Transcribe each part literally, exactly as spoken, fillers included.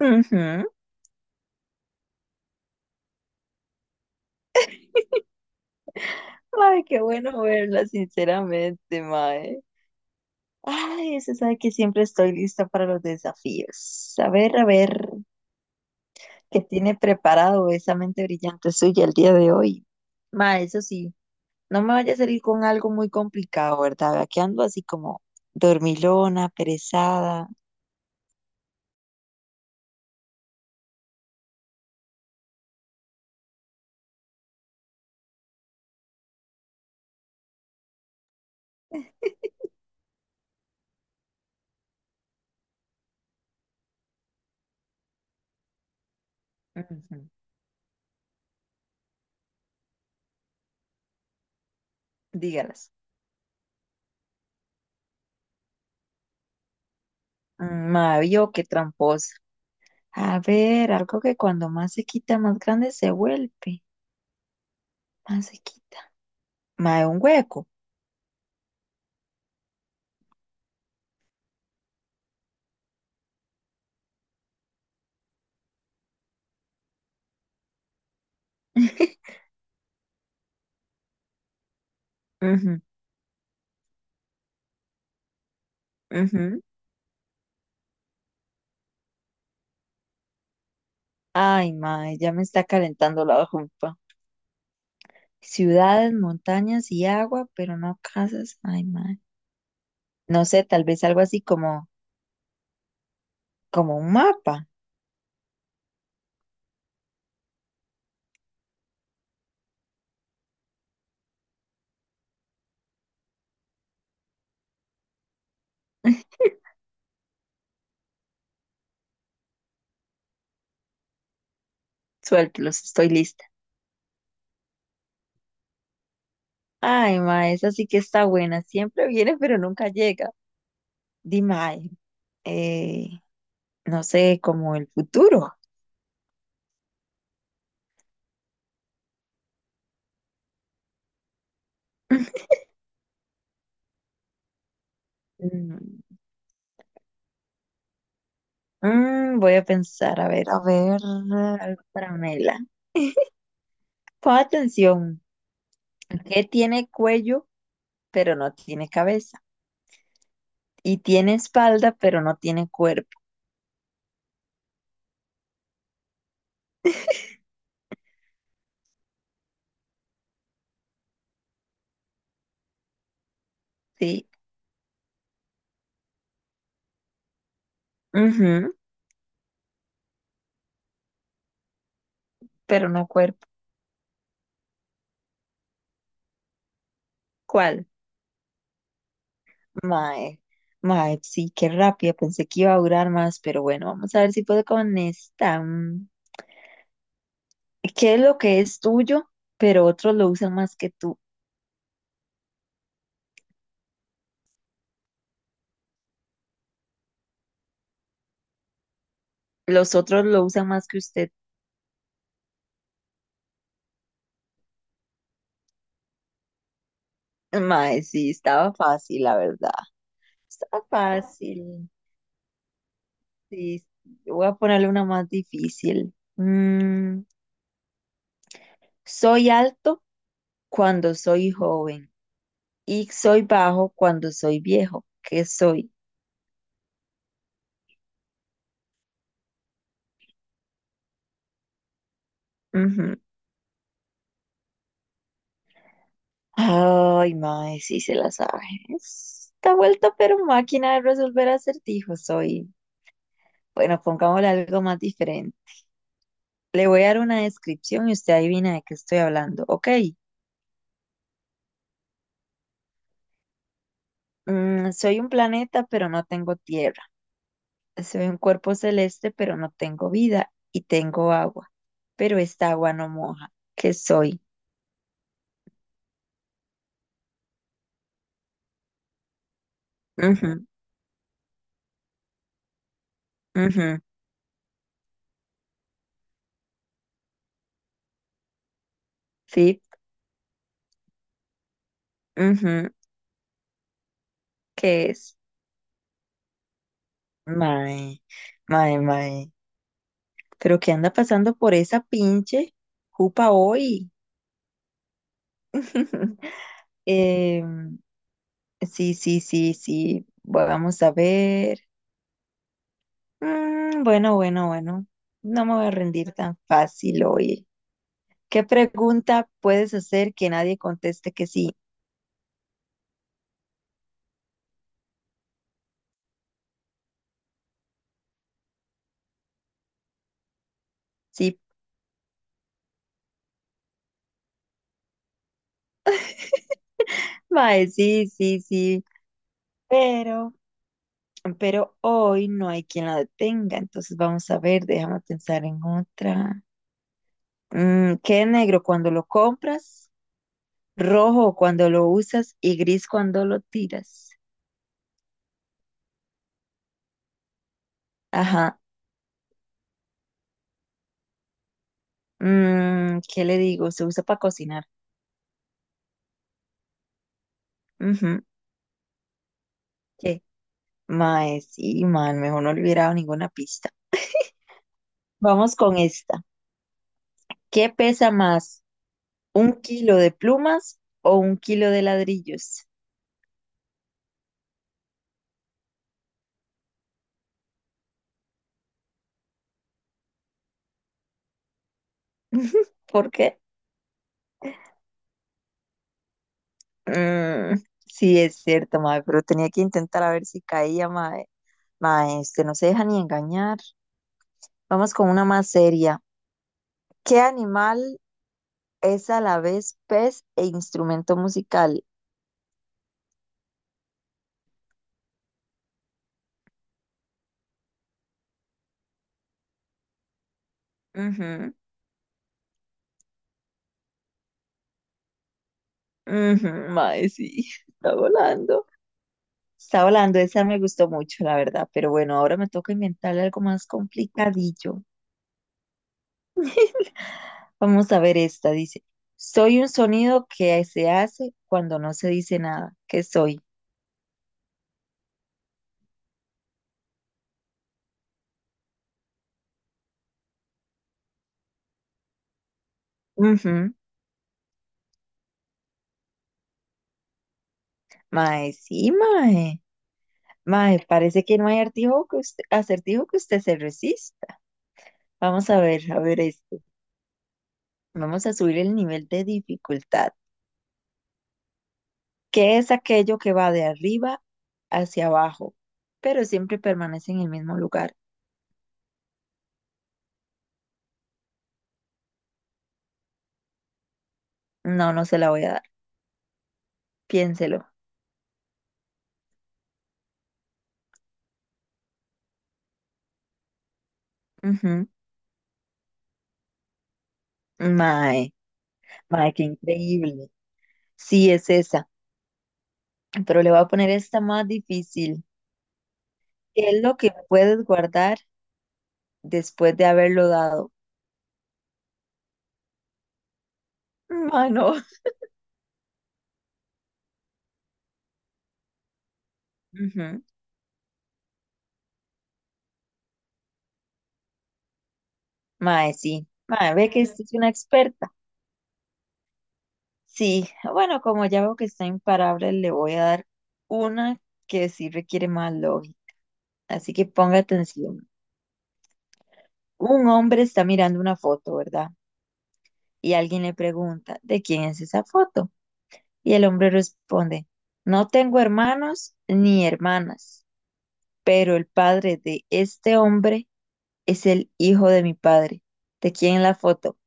Ujú. Ay, qué bueno verla, sinceramente, Mae. Ay, se sabe que siempre estoy lista para los desafíos. A ver, a ver, ¿qué tiene preparado esa mente brillante suya el día de hoy? Mae, eso sí, no me vaya a salir con algo muy complicado, ¿verdad? Aquí ando así como dormilona, perezada. Ujú. Dígalas. Mm, Mae, vio qué tramposa. A ver, algo que cuando más se quita, más grande se vuelve. Más se quita. Mae, un hueco. Ujú, ujú. Ay, mae, ya me está calentando la jupa. Ciudades, montañas y agua, pero no casas. Ay, mae. No sé, tal vez algo así como, como un mapa. Suéltelos, estoy lista. Ay, mae, esa sí que está buena. Siempre viene, pero nunca llega. Dime, ay, eh, no sé, como el futuro. Mm, mm, voy a pensar, a ver, a ver, algo para Mela. Pon atención, ¿qué tiene cuello, pero no tiene cabeza? Y tiene espalda, pero no tiene cuerpo. Sí, ujú, pero no cuerpo. ¿Cuál? Mae, mae, sí, qué rápida. Pensé que iba a durar más, pero bueno, vamos a ver si puedo con esta. Mm, ¿qué es lo que es tuyo, pero otros lo usan más que tú? Los otros lo usan más que usted. Mae, sí, estaba fácil, la verdad. Estaba fácil. Sí, voy a ponerle una más difícil. Mm, soy alto cuando soy joven y soy bajo cuando soy viejo. ¿Qué soy? Ujú. Ay, mae, sí se la sabe. Está vuelto, pero máquina de resolver acertijos soy. Bueno, pongámosle algo más diferente. Le voy a dar una descripción y usted adivina de qué estoy hablando. Ok, mm, soy un planeta, pero no tengo tierra. Soy un cuerpo celeste, pero no tengo vida y tengo agua. Pero esta agua no moja. ¿Qué soy? Ujú, ujú, sí, ujú, ¿qué es? Mae, mae, mae. Pero qué anda pasando por esa pinche jupa hoy. Em, sí, sí, sí, sí. Bueno, vamos a ver. Mm, bueno, bueno, bueno. No me voy a rendir tan fácil hoy. ¿Qué pregunta puedes hacer que nadie conteste que sí? Sí, mae, sí, sí, sí. Pero, pero hoy no hay quien la detenga. Entonces vamos a ver, déjame pensar en otra. Mm, queda negro cuando lo compras, rojo cuando lo usas y gris cuando lo tiras. Ajá. Mm, ¿qué le digo? Se usa para cocinar. Ujú. ¿Qué? Mae, sí, man, mejor no le hubiera dado ninguna pista. Vamos con esta. ¿Qué pesa más? ¿Un kilo de plumas o un kilo de ladrillos? ¿Por qué? Mm, sí, es cierto, mae, pero tenía que intentar a ver si caía, mae. Mae, este no se deja ni engañar. Vamos con una más seria. ¿Qué animal es a la vez pez e instrumento musical? Ujú, ujú, mae, sí, está volando. Está volando, esa me gustó mucho, la verdad. Pero bueno, ahora me toca inventarle algo más complicadillo. Vamos a ver esta, dice. Soy un sonido que se hace cuando no se dice nada. ¿Qué soy? Ujú, mae, sí, mae. Mae, parece que no hay artijo que usted- acertijo que usted se resista. Vamos a ver, a ver esta. Vamos a subir el nivel de dificultad, que es aquello que va de arriba hacia abajo, pero siempre permanece en el mismo lugar. No, no se la voy a dar. Piénselo. Ujú. Mae, mae, qué increíble. Sí, es esa, pero le voy a poner esta más difícil. ¿Qué es lo que puedes guardar después de haberlo dado? Mano. No. Ujú. Mae, sí. Mae, ve que esta es una experta. Sí, bueno, como ya veo que está imparable, le voy a dar una que sí requiere más lógica. Así que ponga atención. Un hombre está mirando una foto, ¿verdad? Y alguien le pregunta, ¿de quién es esa foto? Y el hombre responde, no tengo hermanos ni hermanas, pero el padre de este hombre es el hijo de mi padre. ¿De quién es la foto?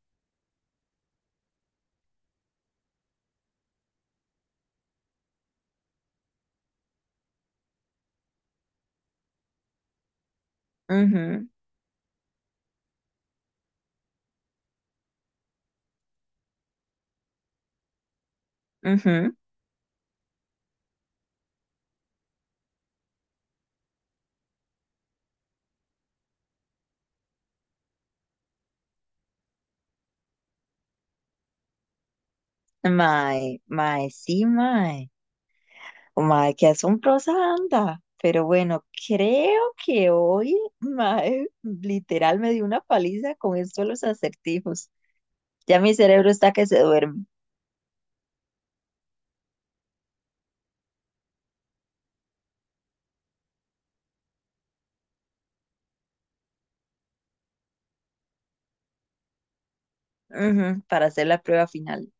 Mhm, mhm. Mae, mae, sí, mae. Mae, qué asombrosa anda. Pero bueno, creo que hoy, mae, literal me dio una paliza con esto de los acertijos. Ya mi cerebro está que se duerme. Ujú, para hacer la prueba final.